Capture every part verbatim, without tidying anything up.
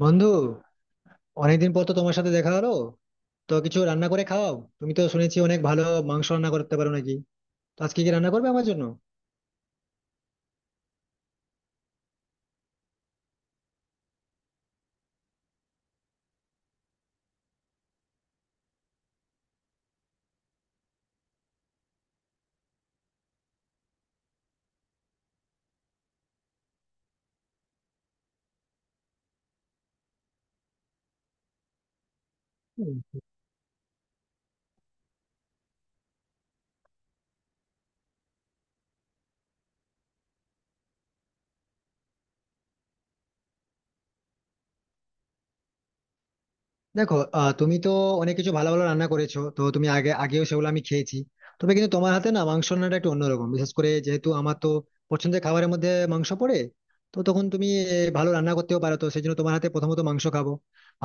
বন্ধু, অনেকদিন পর তো তোমার সাথে দেখা হলো। তো কিছু রান্না করে খাওয়াও। তুমি তো শুনেছি অনেক ভালো মাংস রান্না করতে পারো নাকি? তো আজকে কি রান্না করবে আমার জন্য? দেখো, আহ, তুমি তো অনেক কিছু ভালো ভালো রান্না করেছো। তো তুমি আগে আগেও সেগুলো আমি খেয়েছি। তবে কিন্তু তোমার হাতে না, মাংস রান্নাটা একটু অন্যরকম, বিশেষ করে যেহেতু আমার তো পছন্দের খাবারের মধ্যে মাংস পড়ে। তো তখন তুমি আহ, ভালো রান্না করতেও পারো, তো সেই জন্য তোমার হাতে প্রথমত মাংস খাবো।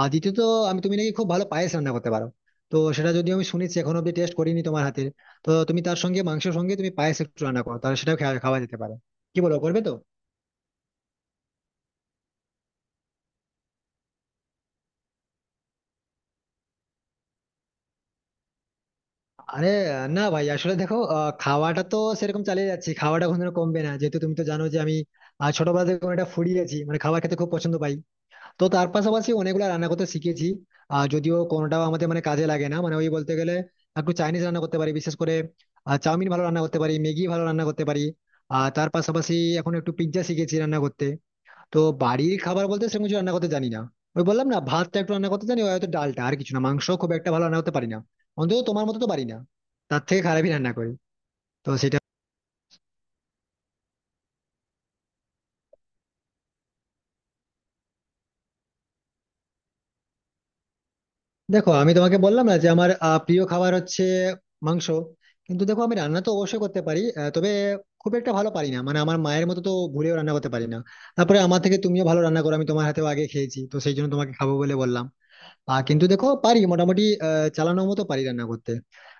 আর দ্বিতীয়ত, আমি তুমি নাকি খুব ভালো পায়েস রান্না করতে পারো। তো সেটা যদিও আমি শুনেছি, এখনো অব্দি টেস্ট করিনি তোমার হাতের। তো তুমি তার সঙ্গে, মাংসের সঙ্গে তুমি পায়েস একটু রান্না করো, তাহলে সেটাও খাওয়া খাওয়া যেতে পারে। কি বলো, করবে তো? আরে, আহ, না ভাই, আসলে দেখো, আহ, খাওয়াটা তো সেরকম চালিয়ে যাচ্ছি, খাওয়াটা কোনোদিনও কমবে না। যেহেতু তুমি তো জানো যে আমি আহ, ছোটবেলা থেকে কোনো একটা ফুডি আছি, মানে খাবার খেতে খুব পছন্দ পাই। তো তার পাশাপাশি অনেকগুলো রান্না করতে শিখেছি। আহ, যদিও কোনোটাও আমাদের মানে কাজে লাগে না, মানে ওই বলতে গেলে একটু চাইনিজ রান্না করতে পারি, বিশেষ করে চাউমিন ভালো রান্না করতে পারি, ম্যাগি ভালো রান্না করতে পারি। আর তার পাশাপাশি এখন একটু পিৎজা শিখেছি রান্না করতে। তো বাড়ির খাবার বলতে সেরকম কিছু রান্না করতে জানি না। ওই বললাম না, ভাতটা একটু রান্না করতে জানি, ওই হয়তো ডালটা, আর কিছু না। মাংস খুব একটা ভালো রান্না করতে পারি না, অন্তত তোমার মতো তো পারি না, তার থেকে খারাপই রান্না করি। তো সেটা। দেখো, আমি তোমাকে বললাম না যে আমার আহ, প্রিয় খাবার হচ্ছে মাংস। কিন্তু দেখো আমি রান্না তো অবশ্যই করতে পারি, আহ, তবে খুব একটা ভালো পারি না, মানে আমার মায়ের মতো তো ভুলেও রান্না করতে পারি না। তারপরে আমার থেকে তুমিও ভালো রান্না করো, আমি তোমার হাতেও আগে খেয়েছি, তো সেই জন্য তোমাকে খাবো বলে বললাম। আহ কিন্তু দেখো পারি মোটামুটি, আহ চালানোর মতো পারি রান্না করতে।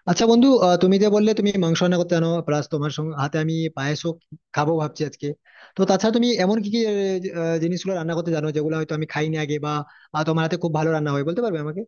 আচ্ছা বন্ধু, আহ, তুমি যে বললে তুমি মাংস রান্না করতে জানো, প্লাস তোমার সঙ্গে হাতে আমি পায়েসও খাবো ভাবছি আজকে। তো তাছাড়া তুমি এমন কি কি আহ, জিনিসগুলো রান্না করতে জানো যেগুলো হয়তো আমি খাইনি আগে? বা আহ, তোমার হাতে খুব ভালো রান্না হয়, বলতে পারবে আমাকে?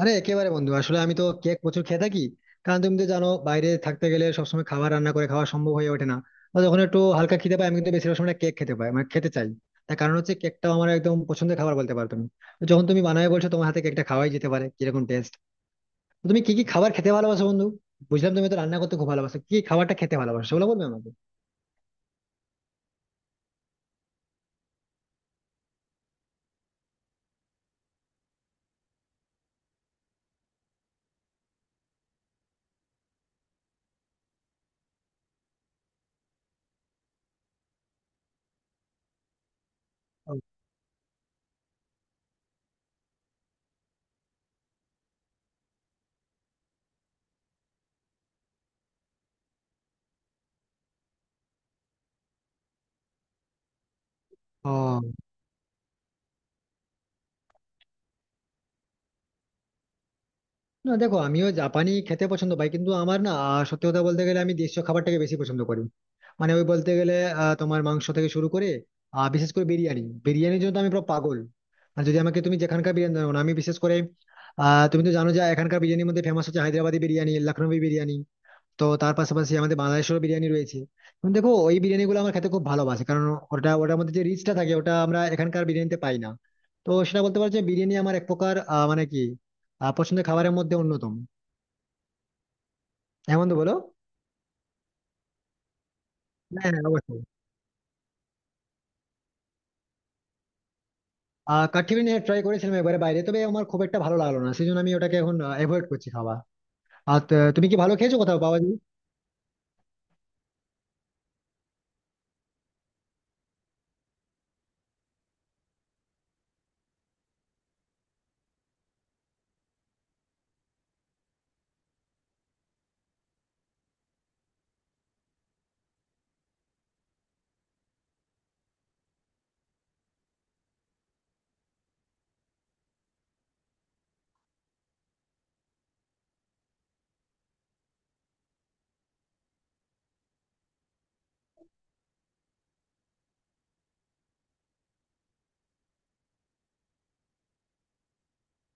আরে একেবারে বন্ধু, আসলে আমি তো কেক প্রচুর খেয়ে থাকি। কারণ তুমি তো জানো, বাইরে থাকতে গেলে সবসময় খাবার রান্না করে খাওয়া সম্ভব হয়ে ওঠে না। বা যখন একটু হালকা খেতে পাই আমি, কিন্তু বেশিরভাগ সময় কেক খেতে পাই, মানে খেতে চাই। তার কারণ হচ্ছে কেকটাও আমার একদম পছন্দের খাবার, বলতে পারো তুমি। তো যখন তুমি বানায় বলছো, তোমার হাতে কেকটা খাওয়াই যেতে পারে। কিরকম টেস্ট তুমি, কি কি খাবার খেতে ভালোবাসো বন্ধু? বুঝলাম তুমি তো রান্না করতে খুব ভালোবাসো, কি কি খাবারটা খেতে ভালোবাসো সেগুলো বলবে আমাকে? ও। না দেখো, আমিও জাপানি খেতে পছন্দ পাই। কিন্তু আমার না, আহ, সত্যি কথা বলতে গেলে আমি দেশীয় খাবারটাকে বেশি পছন্দ করি। মানে ওই বলতে গেলে, আহ, তোমার মাংস থেকে শুরু করে, আহ, বিশেষ করে বিরিয়ানি। বিরিয়ানির জন্য তো আমি পুরো পাগল। আর যদি আমাকে তুমি যেখানকার বিরিয়ানি দাও না, আমি বিশেষ করে, আহ, তুমি তো জানো যে এখানকার বিরিয়ানির মধ্যে ফেমাস হচ্ছে হায়দ্রাবাদি বিরিয়ানি, লখনৌই বিরিয়ানি। তো তার পাশাপাশি আমাদের বাংলাদেশেরও বিরিয়ানি রয়েছে। কিন্তু দেখো ওই বিরিয়ানি গুলো আমার খেতে খুব ভালোবাসে, কারণ ওটা ওটার মধ্যে যে রিচটা থাকে, ওটা আমরা এখানকার বিরিয়ানিতে পাই না। তো সেটা বলতে পারো যে বিরিয়ানি আমার এক প্রকার, আহ, মানে কি, আহ, পছন্দের খাবারের মধ্যে অন্যতম। এমন তো বলো। হ্যাঁ, হ্যাঁ, অবশ্যই। আহ কাঠি বিরিয়ানি ট্রাই করেছিলাম এবারে বাইরে, তবে আমার খুব একটা ভালো লাগলো না, সেই জন্য আমি ওটাকে এখন অ্যাভয়েড করছি খাওয়া। আর ত- তুমি কি ভালো খেয়েছো কোথাও পাওয়া যায়?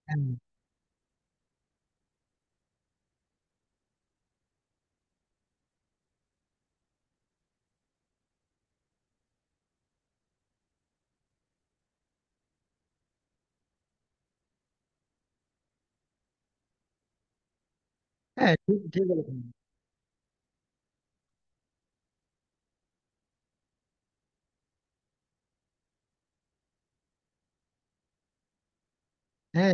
হ্যাঁ, হ্যাঁ, ঠিক ঠিক বলেছো। হ্যাঁ।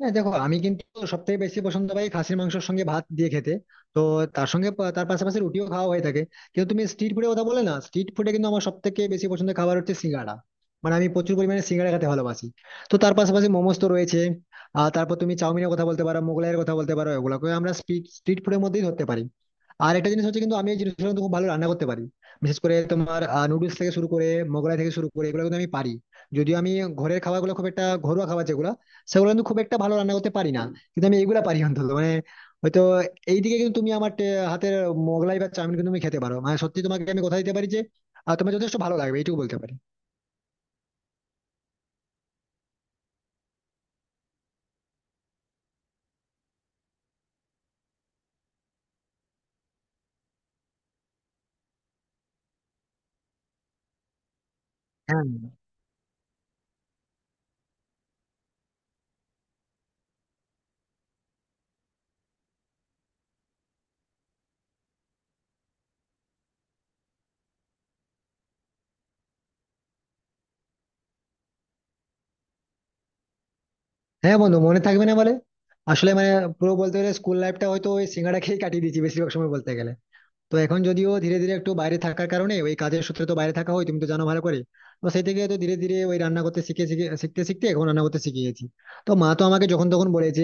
না দেখো, আমি কিন্তু সব থেকে বেশি পছন্দ পাই খাসির মাংসের সঙ্গে ভাত দিয়ে খেতে। তো তার সঙ্গে পা- তার পাশাপাশি রুটিও খাওয়া হয়ে থাকে। কিন্তু তুমি স্ট্রিট ফুডের কথা বলে না, স্ট্রিট ফুডে কিন্তু আমার সব থেকে বেশি পছন্দের খাবার হচ্ছে সিঙ্গাড়া। মানে আমি প্রচুর পরিমাণে সিঙ্গাড়া খেতে ভালোবাসি। তো তার পাশাপাশি মোমোজ তো রয়েছে। আর তারপর তুমি চাউমিনের কথা বলতে পারো, মোগলাইয়ের কথা বলতে পারো, এগুলোকে আমরা স্ট্রিট স্ট্রিট ফুডের মধ্যেই ধরতে পারি। আর একটা জিনিস হচ্ছে, কিন্তু আমি এই জিনিসগুলো কিন্তু খুব ভালো রান্না করতে পারি। বিশেষ করে তোমার নুডলস থেকে শুরু করে, মোগলাই থেকে শুরু করে, এগুলো কিন্তু আমি পারি। যদিও আমি ঘরের খাবারগুলো, খুব একটা ঘরোয়া খাবার যেগুলো, সেগুলো কিন্তু খুব একটা ভালো রান্না করতে পারি না। কিন্তু আমি এগুলা পারি, অন্তত মানে হয়তো এইদিকে। কিন্তু তুমি আমার টে- হাতের মোগলাই বা চাউমিন কিন্তু তুমি খেতে পারো, মানে সত্যি তোমাকে আমি কথা দিতে পারি যে আহ, তোমার যথেষ্ট ভালো লাগবে, এইটুকু বলতে পারি। হ্যাঁ, হ্যাঁ বন্ধু, মনে থাকবে না বলে? আসলে মানে পুরো বলতে গেলে স্কুল লাইফটা হয়তো ওই সিঙ্গাড়া খেয়ে কাটিয়ে দিয়েছি বেশিরভাগ সময় বলতে গেলে। তো এখন যদিও ধীরে ধীরে একটু বাইরে থাকার কারণে ওই কাজের সূত্রে তো বাইরে থাকা হয়, তুমি তো জানো ভালো করে। তো সেই থেকে তো ধীরে ধীরে ওই রান্না করতে শিখে শিখে, শিখতে শিখতে এখন রান্না করতে শিখে গেছি। তো মা তো আমাকে যখন তখন বলে যে,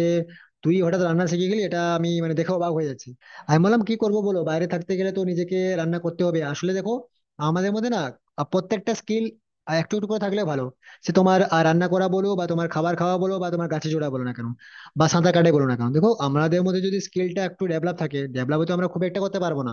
তুই হঠাৎ রান্না শিখে গেলি, এটা আমি মানে দেখে অবাক হয়ে যাচ্ছি। আমি বললাম, কি করবো বলো, বাইরে থাকতে গেলে তো নিজেকে রান্না করতে হবে। আসলে দেখো আমাদের মধ্যে না, আহ, প্রত্যেকটা স্কিল একটু একটু করে থাকলে ভালো। সে তোমার আহ, রান্না করা বলো, বা তোমার খাবার খাওয়া বলো, বা তোমার গাছে জোড়া বলো না কেন, বা সাঁতার কাটাই বলো না কেন, দেখো আমাদের মধ্যে যদি স্কিলটা একটু ডেভেলপ থাকে। ডেভেলপ তো আমরা খুব একটা করতে পারবো না,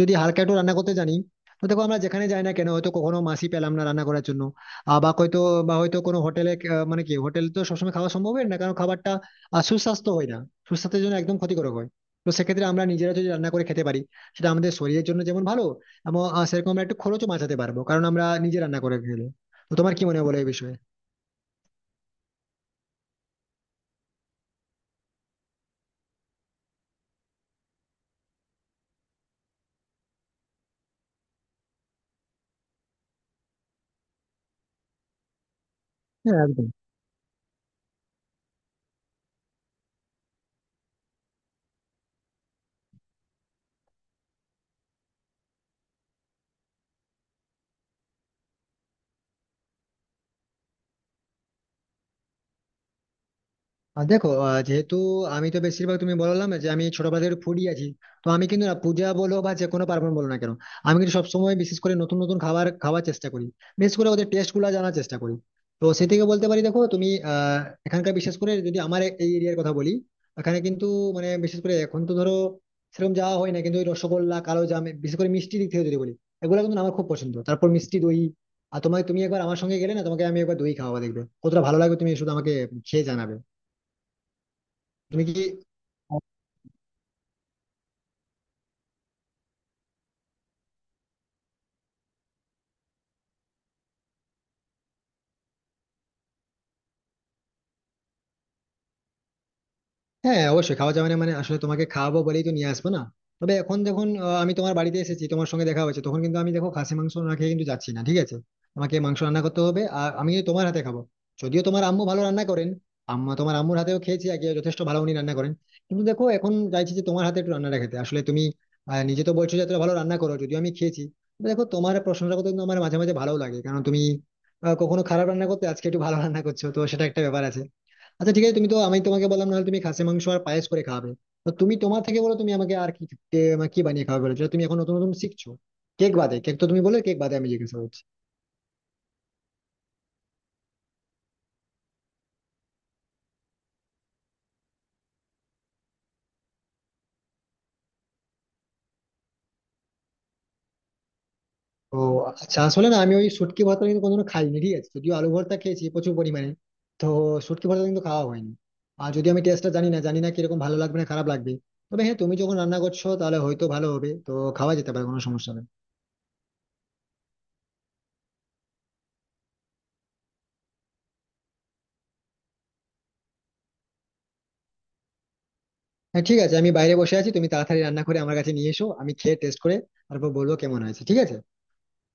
যদি হালকা একটু রান্না করতে জানি। তো দেখো, আমরা যেখানে যাই না কেন, হয়তো কখনো মাসি পেলাম না রান্না করার জন্য, আহ, বা হয়তো বা হয়তো কোনো হোটেলে। মানে কি, হোটেল তো সবসময় খাওয়া সম্ভব হয় না, কারণ খাবারটা আহ, সুস্বাস্থ্য হয় না, সুস্বাস্থ্যের জন্য একদম ক্ষতিকারক হয়। তো সেক্ষেত্রে আমরা নিজেরা যদি রান্না করে খেতে পারি, সেটা আমাদের শরীরের জন্য যেমন ভালো, এবং আহ, সেরকম আমরা একটু খরচও বাঁচাতে পারবো, কারণ আমরা নিজে রান্না করে খেলে। তো তোমার কি মনে হয় বলো এই বিষয়ে? হ্যাঁ, একদম। আর দেখো, আহ, যেহেতু আমি তো বেশিরভাগ তুমি বললাম যে আমি ছোটবেলা থেকে ফুডি আছি। তো আমি কিন্তু না পূজা বলো বা যে কোনো পার্বণ বলো না কেন, আমি কিন্তু সবসময় বিশেষ করে নতুন নতুন খাবার খাওয়ার চেষ্টা করি, বিশেষ করে ওদের টেস্ট গুলো জানার চেষ্টা করি। তো সে থেকে বলতে পারি, দেখো তুমি, আহ এখানকার, বিশেষ করে যদি আমার এই এরিয়ার কথা বলি, এখানে কিন্তু মানে বিশেষ করে এখন তো ধরো সেরকম যাওয়া হয় না, কিন্তু ওই রসগোল্লা, কালো জাম, বিশেষ করে মিষ্টি দিক থেকে যদি বলি, এগুলো কিন্তু আমার খুব পছন্দ। তারপর মিষ্টি দই। আর তোমাকে, তুমি একবার আমার সঙ্গে গেলে না, তোমাকে আমি একবার দই খাওয়াবো, দেখবে কতটা ভালো লাগবে, তুমি শুধু আমাকে খেয়ে জানাবে। তুমি কি? হ্যাঁ অবশ্যই খাওয়া যাবে, না মানে আসলে তোমাকে খাওয়াবো বলেই তো নিয়ে আসবো না। তবে এখন যখন আহ, আমি তোমার বাড়িতে এসেছি, তোমার সঙ্গে দেখা হয়েছে, তখন কিন্তু আমি দেখো খাসি মাংস না খেয়ে কিন্তু যাচ্ছি না, ঠিক আছে? আমাকে মাংস রান্না করতে হবে, আর আমি কিন্তু তোমার হাতে খাবো। যদিও তোমার আম্মু ভালো রান্না করেন, আম্মা তোমার আম্মুর হাতেও খেয়েছি আগে, যথেষ্ট ভালো উনি রান্না করেন। কিন্তু দেখো এখন চাইছি যে তোমার হাতে একটু রান্নাটা খেতে। আসলে তুমি আহ, নিজে তো বলছো যে এতটা ভালো রান্না করো, যদিও আমি খেয়েছি। তবে দেখো, তোমার প্রশংসা করতে কিন্তু আমার মাঝে মাঝে ভালো লাগে, কারণ তুমি আহ, কখনো খারাপ রান্না করতে, আজকে একটু ভালো রান্না করছো, তো সেটা একটা ব্যাপার আছে। আচ্ছা ঠিক আছে, তুমি তো, আমি তোমাকে বললাম, নাহলে তুমি খাসি মাংস আর পায়েস করে খাবে। তো তুমি তোমার থেকে বলো, তুমি আমাকে আর কি তে- মানে কি বানিয়ে খাবে বলো, যেটা তুমি এখন নতুন নতুন শিখছো। কেক বাদে, কেক তো তুমি বলে, কেক বাদে আমি জিজ্ঞাসা করছি। ও আচ্ছা, আসলে না আমি ওই শুটকি ভর্তা কিন্তু কোনোদিনও খাইনি, ঠিক আছে? যদিও আলু ভর্তা খেয়েছি প্রচুর পরিমাণে। তো শুটকি ভর্তা কিন্তু খাওয়া হয়নি। আর যদি আমি টেস্টটা জানি না, জানি না কিরকম ভালো লাগবে না খারাপ লাগবে। তবে হ্যাঁ, তুমি যখন রান্না করছো তাহলে হয়তো ভালো হবে, তো খাওয়া যেতে পারে, কোনো সমস্যা নেই। হ্যাঁ ঠিক আছে, আমি বাইরে বসে আছি, তুমি তাড়াতাড়ি রান্না করে আমার কাছে নিয়ে এসো, আমি খেয়ে টেস্ট করে তারপর বলবো কেমন হয়েছে, ঠিক আছে?